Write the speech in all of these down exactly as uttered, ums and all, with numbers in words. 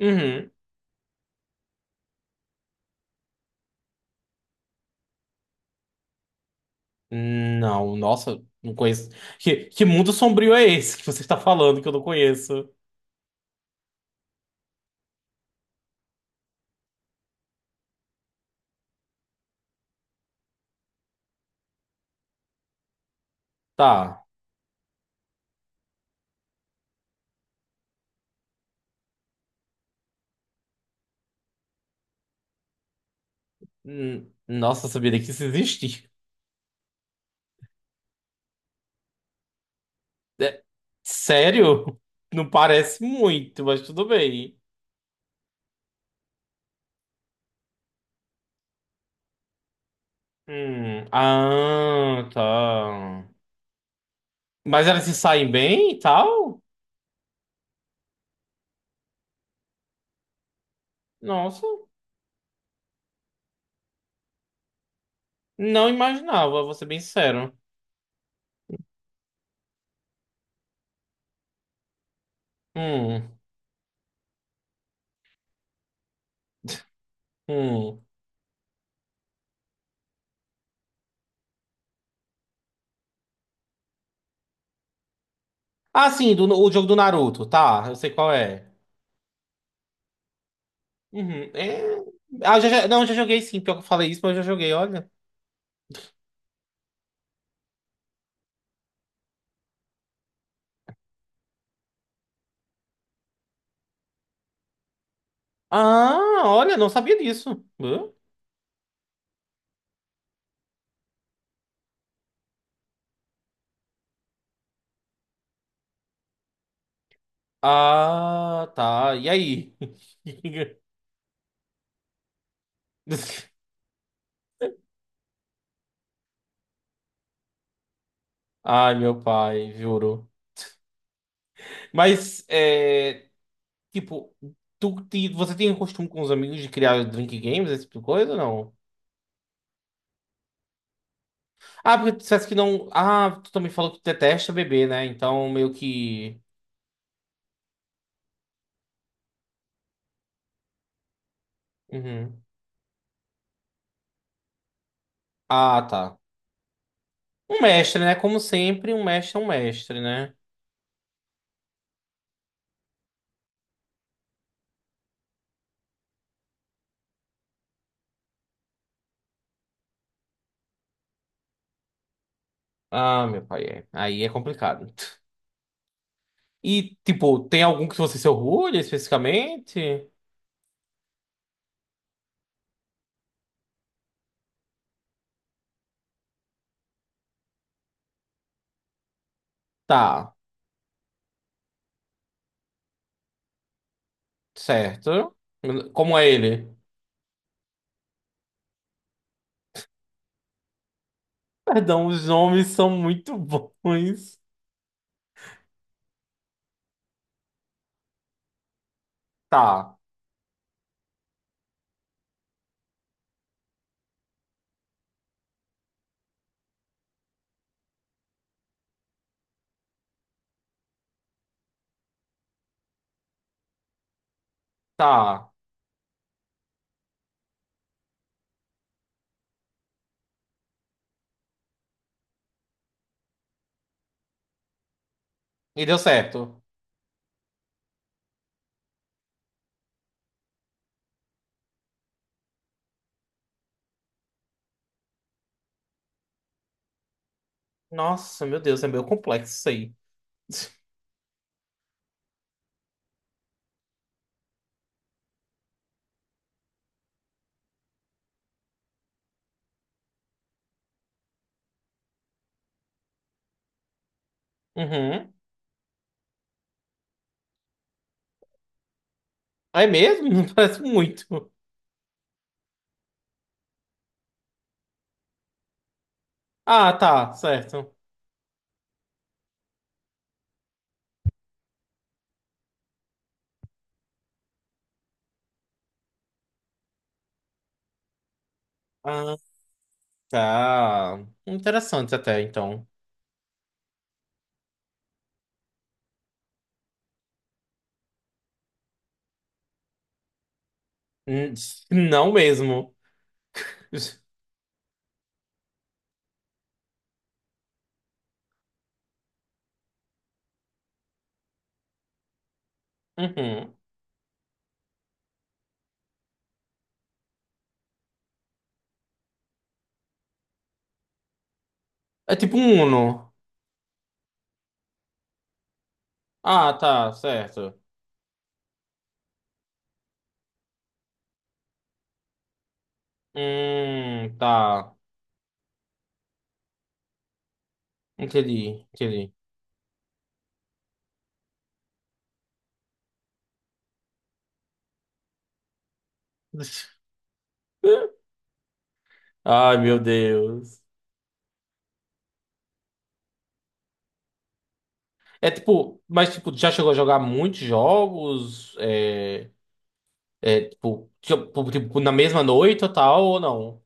Uhum. Não, nossa, não conheço. Que, que mundo sombrio é esse que você está falando que eu não conheço? Tá. Hum, nossa, eu sabia nem que isso existe. É, sério? Não parece muito, mas tudo bem. Hum, ah, tá. Mas elas se saem bem e tal? Nossa, não imaginava, vou ser bem sincero. Hum, hum. Ah, sim, do, o jogo do Naruto, tá, eu sei qual é. Uhum. É... Ah, eu já, já- não, eu já joguei, sim. Pior que eu falei isso, mas eu já joguei, olha. Ah, olha, não sabia disso. Hã? Ah, tá. E aí? Ai, meu pai, juro. Mas, é, tipo, tu, te- você tem costume com os amigos de criar drink games, esse tipo de coisa ou não? Ah, porque tu disseste que não. Ah, tu também falou que tu detesta beber, né? Então, meio que. Uhum. Ah, tá. Um mestre, né? Como sempre, um mestre é um mestre, né? Ah, meu pai, é. Aí é complicado. E, tipo, tem algum que você se orgulha especificamente? Tá, certo. Como é ele? Perdão, os nomes são muito bons. Tá, tá. E deu certo. Nossa, meu Deus, é meio complexo isso aí. Uhum. É mesmo? Parece muito. Ah, tá, certo. Ah, tá. Interessante até, então. Hum, Não mesmo. Uhum. É tipo um Uno. Ah, tá, certo. Hum, tá. Entendi, entendi. Ai, meu Deus. É tipo, mas tipo, já chegou a jogar muitos jogos? É, é tipo, tipo, tipo, tipo, na mesma noite ou tal, ou não?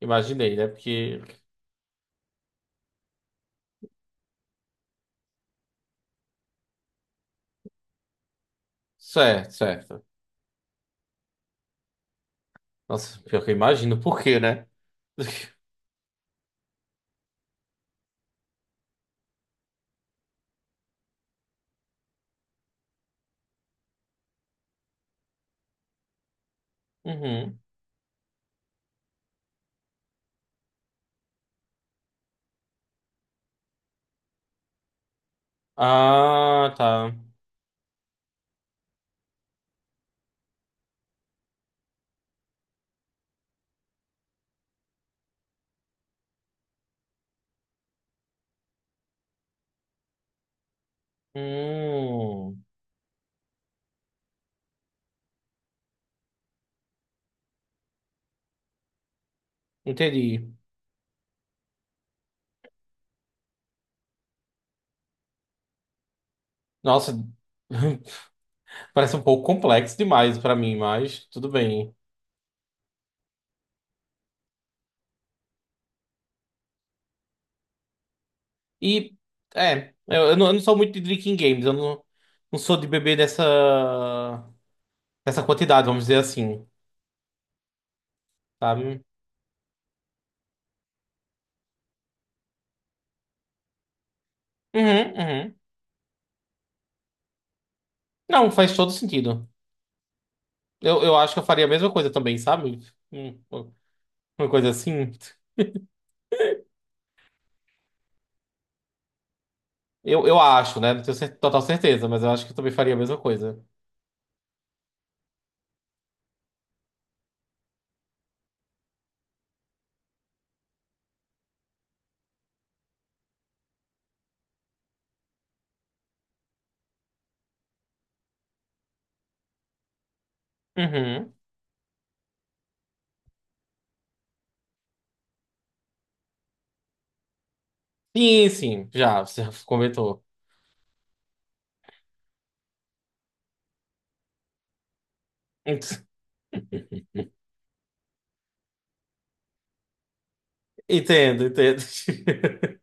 Imaginei, né? Porque. Certo, certo. Nossa, pior que eu imagino por quê, né? Uhum. Ah, tá. Hum, entendi. Nossa, parece um pouco complexo demais pra mim, mas tudo bem. E é, eu, eu não, eu não sou muito de drinking games, eu não, não sou de beber dessa, dessa quantidade, vamos dizer assim, sabe? Uhum, uhum. Não, faz todo sentido. Eu, eu acho que eu faria a mesma coisa também, sabe? Hum, Uma coisa assim. Eu, eu acho, né? Não tenho cer- total certeza, mas eu acho que eu também faria a mesma coisa. Uhum. Sim, sim, já, você já comentou. Ent- Entendo, entendo.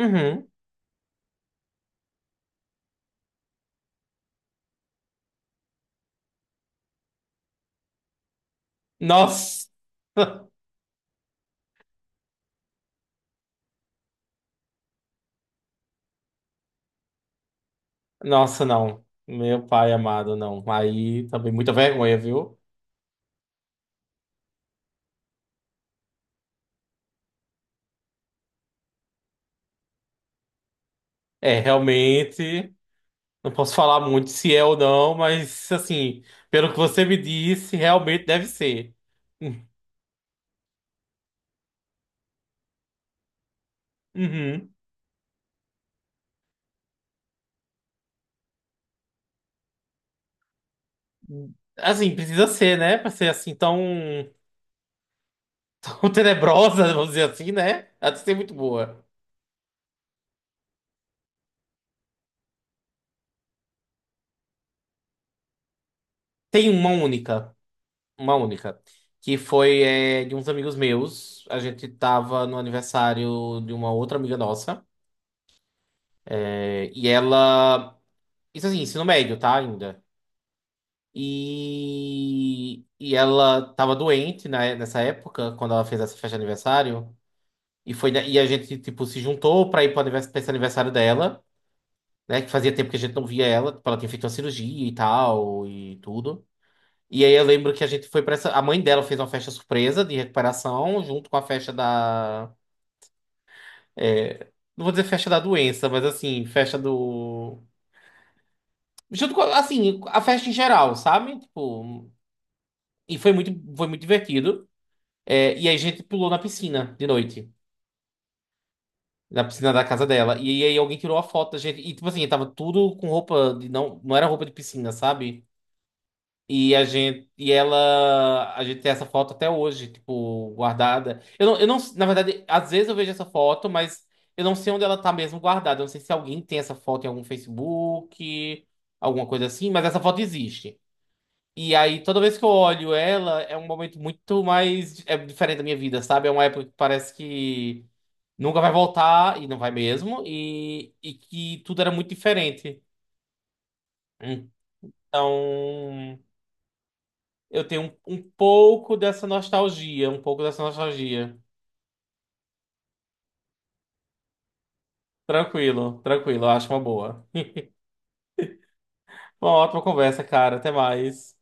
Uhum. Nossa! Nossa, não. Meu pai amado, não. Aí também muita vergonha, viu? É, realmente, não posso falar muito se é ou não, mas assim, pelo que você me disse, realmente deve ser. Uhum. Assim, precisa ser, né? Pra ser assim tão, tão tenebrosa, vamos dizer assim, né? Ela tem que ser muito boa. Tem uma única, uma única, que foi é, de uns amigos meus. A gente tava no aniversário de uma outra amiga nossa. É, e ela. Isso assim, ensino médio, tá? Ainda. E, e ela tava doente na- nessa época, quando ela fez essa festa de aniversário. E, foi, e a gente, tipo, se juntou pra ir pro anivers- pra esse aniversário dela, né? Que fazia tempo que a gente não via ela. Tipo, ela tinha feito uma cirurgia e tal, e tudo. E aí eu lembro que a gente foi pra essa... A mãe dela fez uma festa surpresa de recuperação, junto com a festa da... É, não vou dizer festa da doença, mas assim, festa do... Junto com, assim, a festa em geral, sabe? Tipo... E foi muito, foi muito divertido. É, e aí a gente pulou na piscina de noite. Na piscina da casa dela. E aí alguém tirou a foto da gente. E tipo assim, tava tudo com roupa de. Não, não era roupa de piscina, sabe? E a gente. E ela. A gente tem essa foto até hoje, tipo, guardada. Eu não, eu não. Na verdade, às vezes eu vejo essa foto, mas eu não sei onde ela tá mesmo guardada. Eu não sei se alguém tem essa foto em algum Facebook, alguma coisa assim, mas essa foto existe. E aí, toda vez que eu olho ela, é um momento muito mais. É diferente da minha vida, sabe? É uma época que parece que nunca vai voltar, e não vai mesmo, e, e que tudo era muito diferente. Então, eu tenho um, um pouco dessa nostalgia, um pouco dessa nostalgia. Tranquilo, tranquilo, eu acho uma boa. Bom, ótima conversa, cara. Até mais.